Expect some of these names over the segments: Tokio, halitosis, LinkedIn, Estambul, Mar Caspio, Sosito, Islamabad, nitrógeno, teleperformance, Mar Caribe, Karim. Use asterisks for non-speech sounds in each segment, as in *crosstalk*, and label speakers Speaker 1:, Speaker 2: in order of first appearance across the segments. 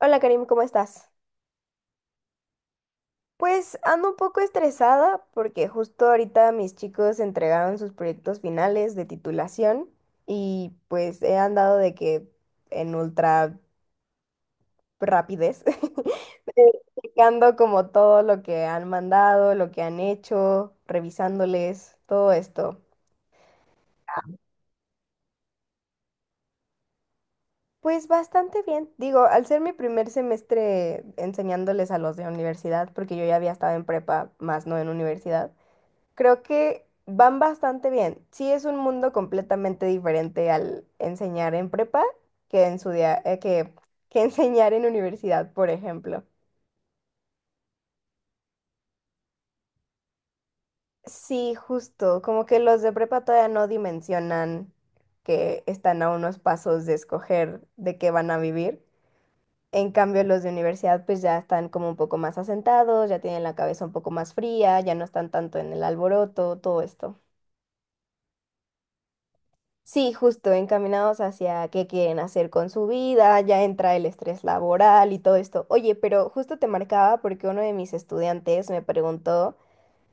Speaker 1: Hola Karim, ¿cómo estás? Pues ando un poco estresada porque justo ahorita mis chicos entregaron sus proyectos finales de titulación y pues he andado de que en ultra rapidez, *laughs* eh, checando como todo lo que han mandado, lo que han hecho, revisándoles, todo esto. Pues bastante bien. Digo, al ser mi primer semestre enseñándoles a los de universidad, porque yo ya había estado en prepa, más no en universidad. Creo que van bastante bien. Sí es un mundo completamente diferente al enseñar en prepa que en su día- que *laughs* enseñar en universidad, por ejemplo. Sí, justo, como que los de prepa todavía no dimensionan que están a unos pasos de escoger de qué van a vivir. En cambio, los de universidad pues ya están como un poco más asentados, ya tienen la cabeza un poco más fría, ya no están tanto en el alboroto, todo esto. Sí, justo, encaminados hacia qué quieren hacer con su vida, ya entra el estrés laboral y todo esto. Oye, pero justo te marcaba porque uno de mis estudiantes me preguntó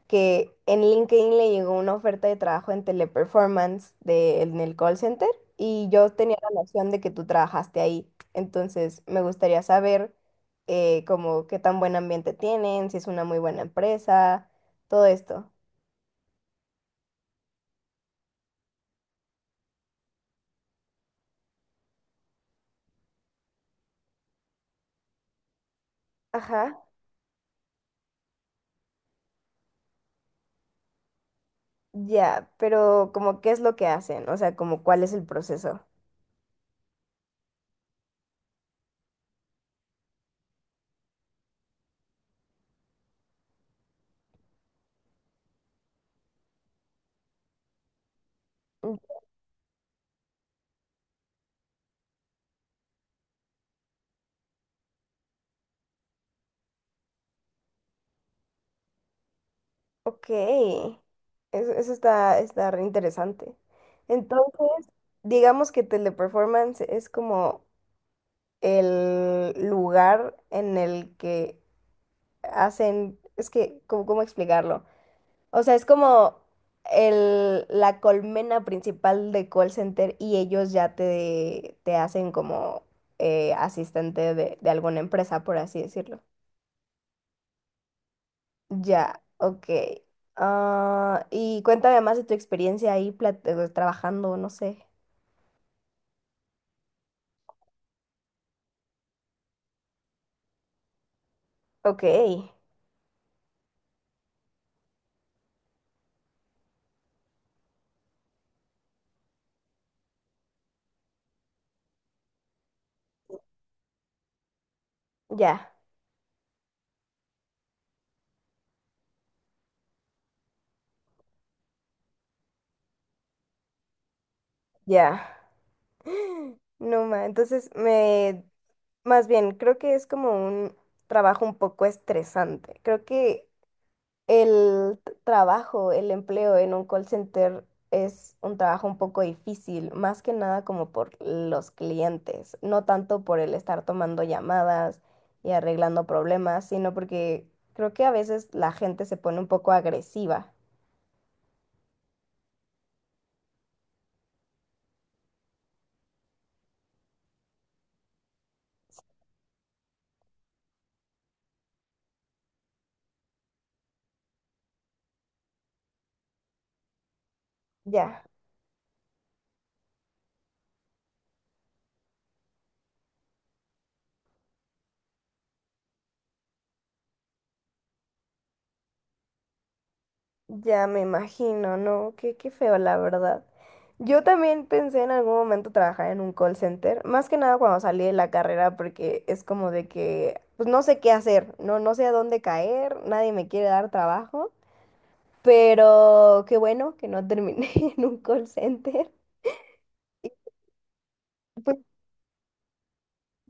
Speaker 1: que en LinkedIn le llegó una oferta de trabajo en Teleperformance en el call center y yo tenía la noción de que tú trabajaste ahí. Entonces, me gustaría saber como qué tan buen ambiente tienen, si es una muy buena empresa, todo esto. Ajá. Ya, pero como qué es lo que hacen, o sea, como cuál es el proceso. Mm. Ok, eso está re interesante. Entonces, digamos que Teleperformance es como el lugar en el que hacen, es que, ¿cómo explicarlo? O sea, es como la colmena principal de call center y ellos ya te hacen como asistente de alguna empresa, por así decirlo. Ya, ok. Ah, y cuéntame más de tu experiencia ahí trabajando, no sé. Ok, ya, ya. No, ma, entonces me. Más bien, creo que es como un trabajo un poco estresante. Creo que el trabajo, el empleo en un call center es un trabajo un poco difícil, más que nada como por los clientes, no tanto por el estar tomando llamadas y arreglando problemas, sino porque creo que a veces la gente se pone un poco agresiva. Ya. Ya me imagino, ¿no? Qué feo, la verdad. Yo también pensé en algún momento trabajar en un call center, más que nada cuando salí de la carrera, porque es como de que, pues no sé qué hacer, no, no sé a dónde caer, nadie me quiere dar trabajo, pero qué bueno que no terminé *laughs* en un call center.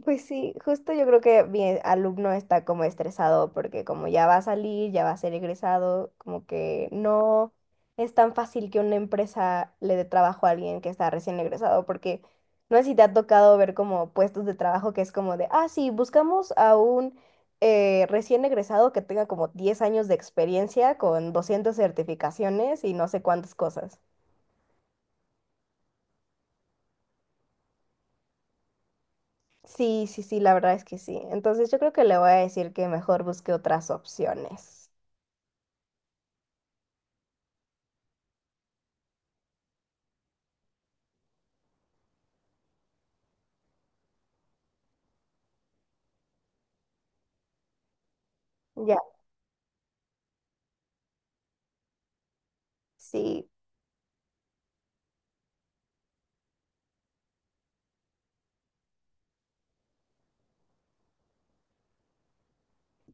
Speaker 1: Pues sí, justo yo creo que mi alumno está como estresado porque como ya va a salir, ya va a ser egresado, como que no es tan fácil que una empresa le dé trabajo a alguien que está recién egresado, porque no sé si te ha tocado ver como puestos de trabajo que es como de, ah, sí, buscamos a un recién egresado que tenga como 10 años de experiencia con 200 certificaciones y no sé cuántas cosas. Sí, sí, sí, la verdad es que sí. Entonces yo creo que le voy a decir que mejor busque otras opciones. Ya, sí,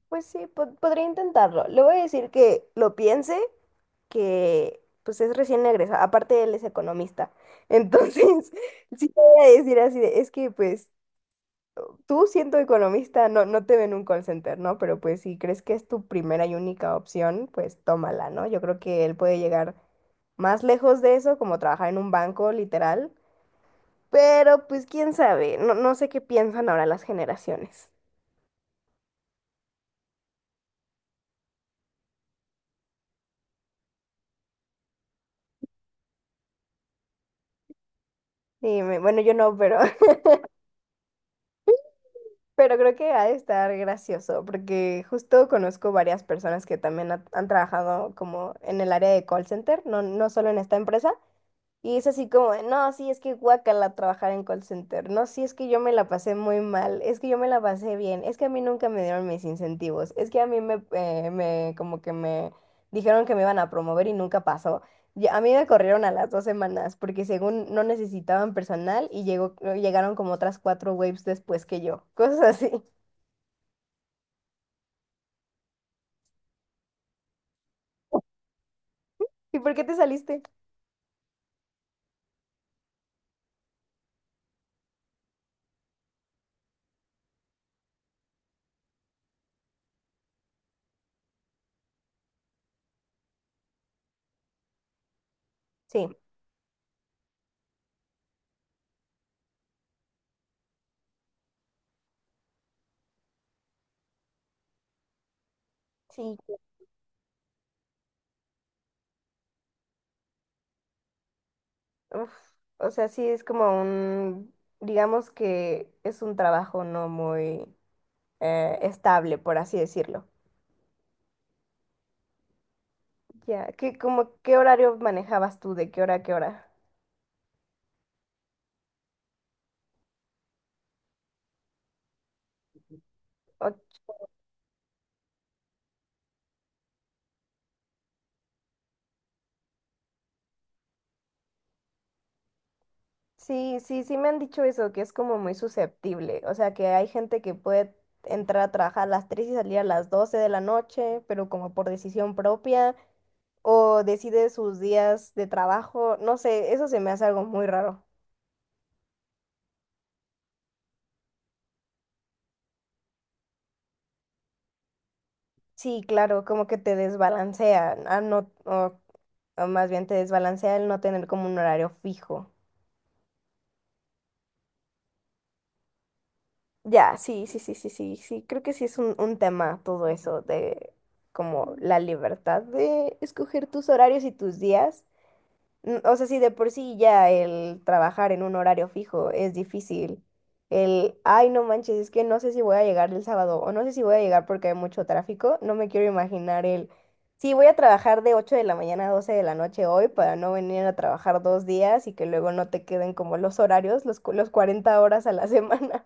Speaker 1: pues sí, podría intentarlo. Le voy a decir que lo piense, que pues es recién egresado, aparte él es economista. Entonces, *laughs* sí le voy a decir así de, es que pues tú siendo economista no, no te ven un call center, ¿no? Pero pues si crees que es tu primera y única opción, pues tómala, ¿no? Yo creo que él puede llegar más lejos de eso, como trabajar en un banco, literal. Pero pues quién sabe, no, no sé qué piensan ahora las generaciones. Dime, bueno, yo no, pero. Pero creo que ha de estar gracioso, porque justo conozco varias personas que también han trabajado como en el área de call center, no, no solo en esta empresa, y es así como, de, no, sí, es que guácala trabajar en call center, no, sí, es que yo me la pasé muy mal, es que yo me la pasé bien, es que a mí nunca me dieron mis incentivos, es que a mí me, como que me dijeron que me iban a promover y nunca pasó. Y a mí me corrieron a las 2 semanas, porque según no necesitaban personal y llegaron como otras cuatro waves después que yo, *laughs* cosas así. ¿Y por qué te saliste? Sí, sí. Uf, o sea, sí es como digamos que es un trabajo no muy estable, por así decirlo. Ya, qué horario manejabas tú? ¿De qué hora a qué hora? O- sí, sí, sí me han dicho eso, que es como muy susceptible. O sea, que hay gente que puede entrar a trabajar a las 3 y salir a las 12 de la noche, pero como por decisión propia, o decide sus días de trabajo. No sé, eso se me hace algo muy raro. Sí, claro, como que te desbalancea, a no, o más bien te desbalancea el no tener como un horario fijo. Ya, sí, sí, sí, sí, sí, sí, creo que sí es un tema todo eso de como la libertad de escoger tus horarios y tus días. O sea, si de por sí ya el trabajar en un horario fijo es difícil. Ay, no manches, es que no sé si voy a llegar el sábado o no sé si voy a llegar porque hay mucho tráfico. No me quiero imaginar sí, voy a trabajar de 8 de la mañana a 12 de la noche hoy para no venir a trabajar dos días y que luego no te queden como los horarios, los 40 horas a la *laughs* semana.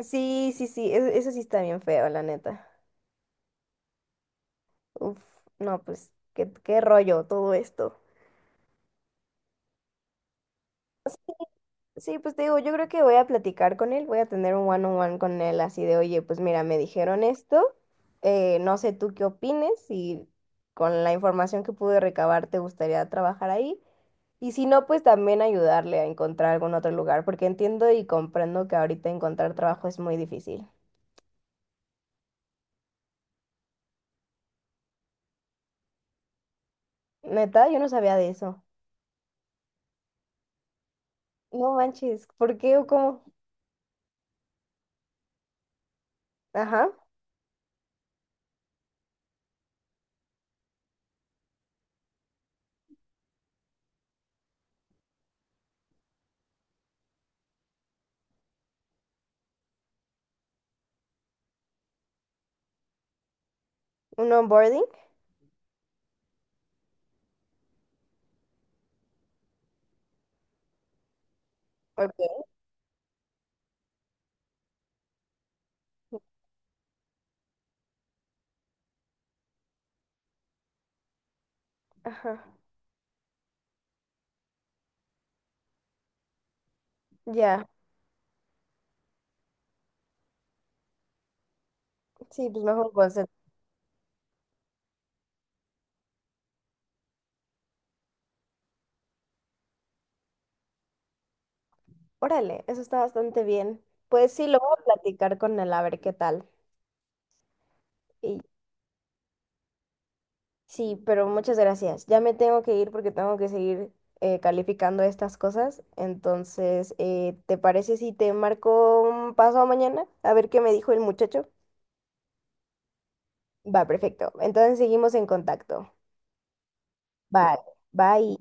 Speaker 1: Sí, sí, sí, eso sí está bien feo, la neta. Uf, no, pues, qué rollo todo esto. Sí, pues te digo, yo creo que voy a platicar con él, voy a tener un one-on-one con él así de, oye, pues mira, me dijeron esto, no sé tú qué opines, si con la información que pude recabar te gustaría trabajar ahí, y si no, pues también ayudarle a encontrar algún otro lugar, porque entiendo y comprendo que ahorita encontrar trabajo es muy difícil. Neta, yo no sabía de eso. No manches, ¿por qué o cómo? Ajá, un onboarding. Ok. Ajá, ya. Sí, pues mejor. Órale, eso está bastante bien. Pues sí, lo voy a platicar con él a ver qué tal. Y sí, pero muchas gracias. Ya me tengo que ir porque tengo que seguir calificando estas cosas. Entonces, ¿te parece si te marco un paso mañana? A ver qué me dijo el muchacho. Va, perfecto. Entonces seguimos en contacto. Vale, bye.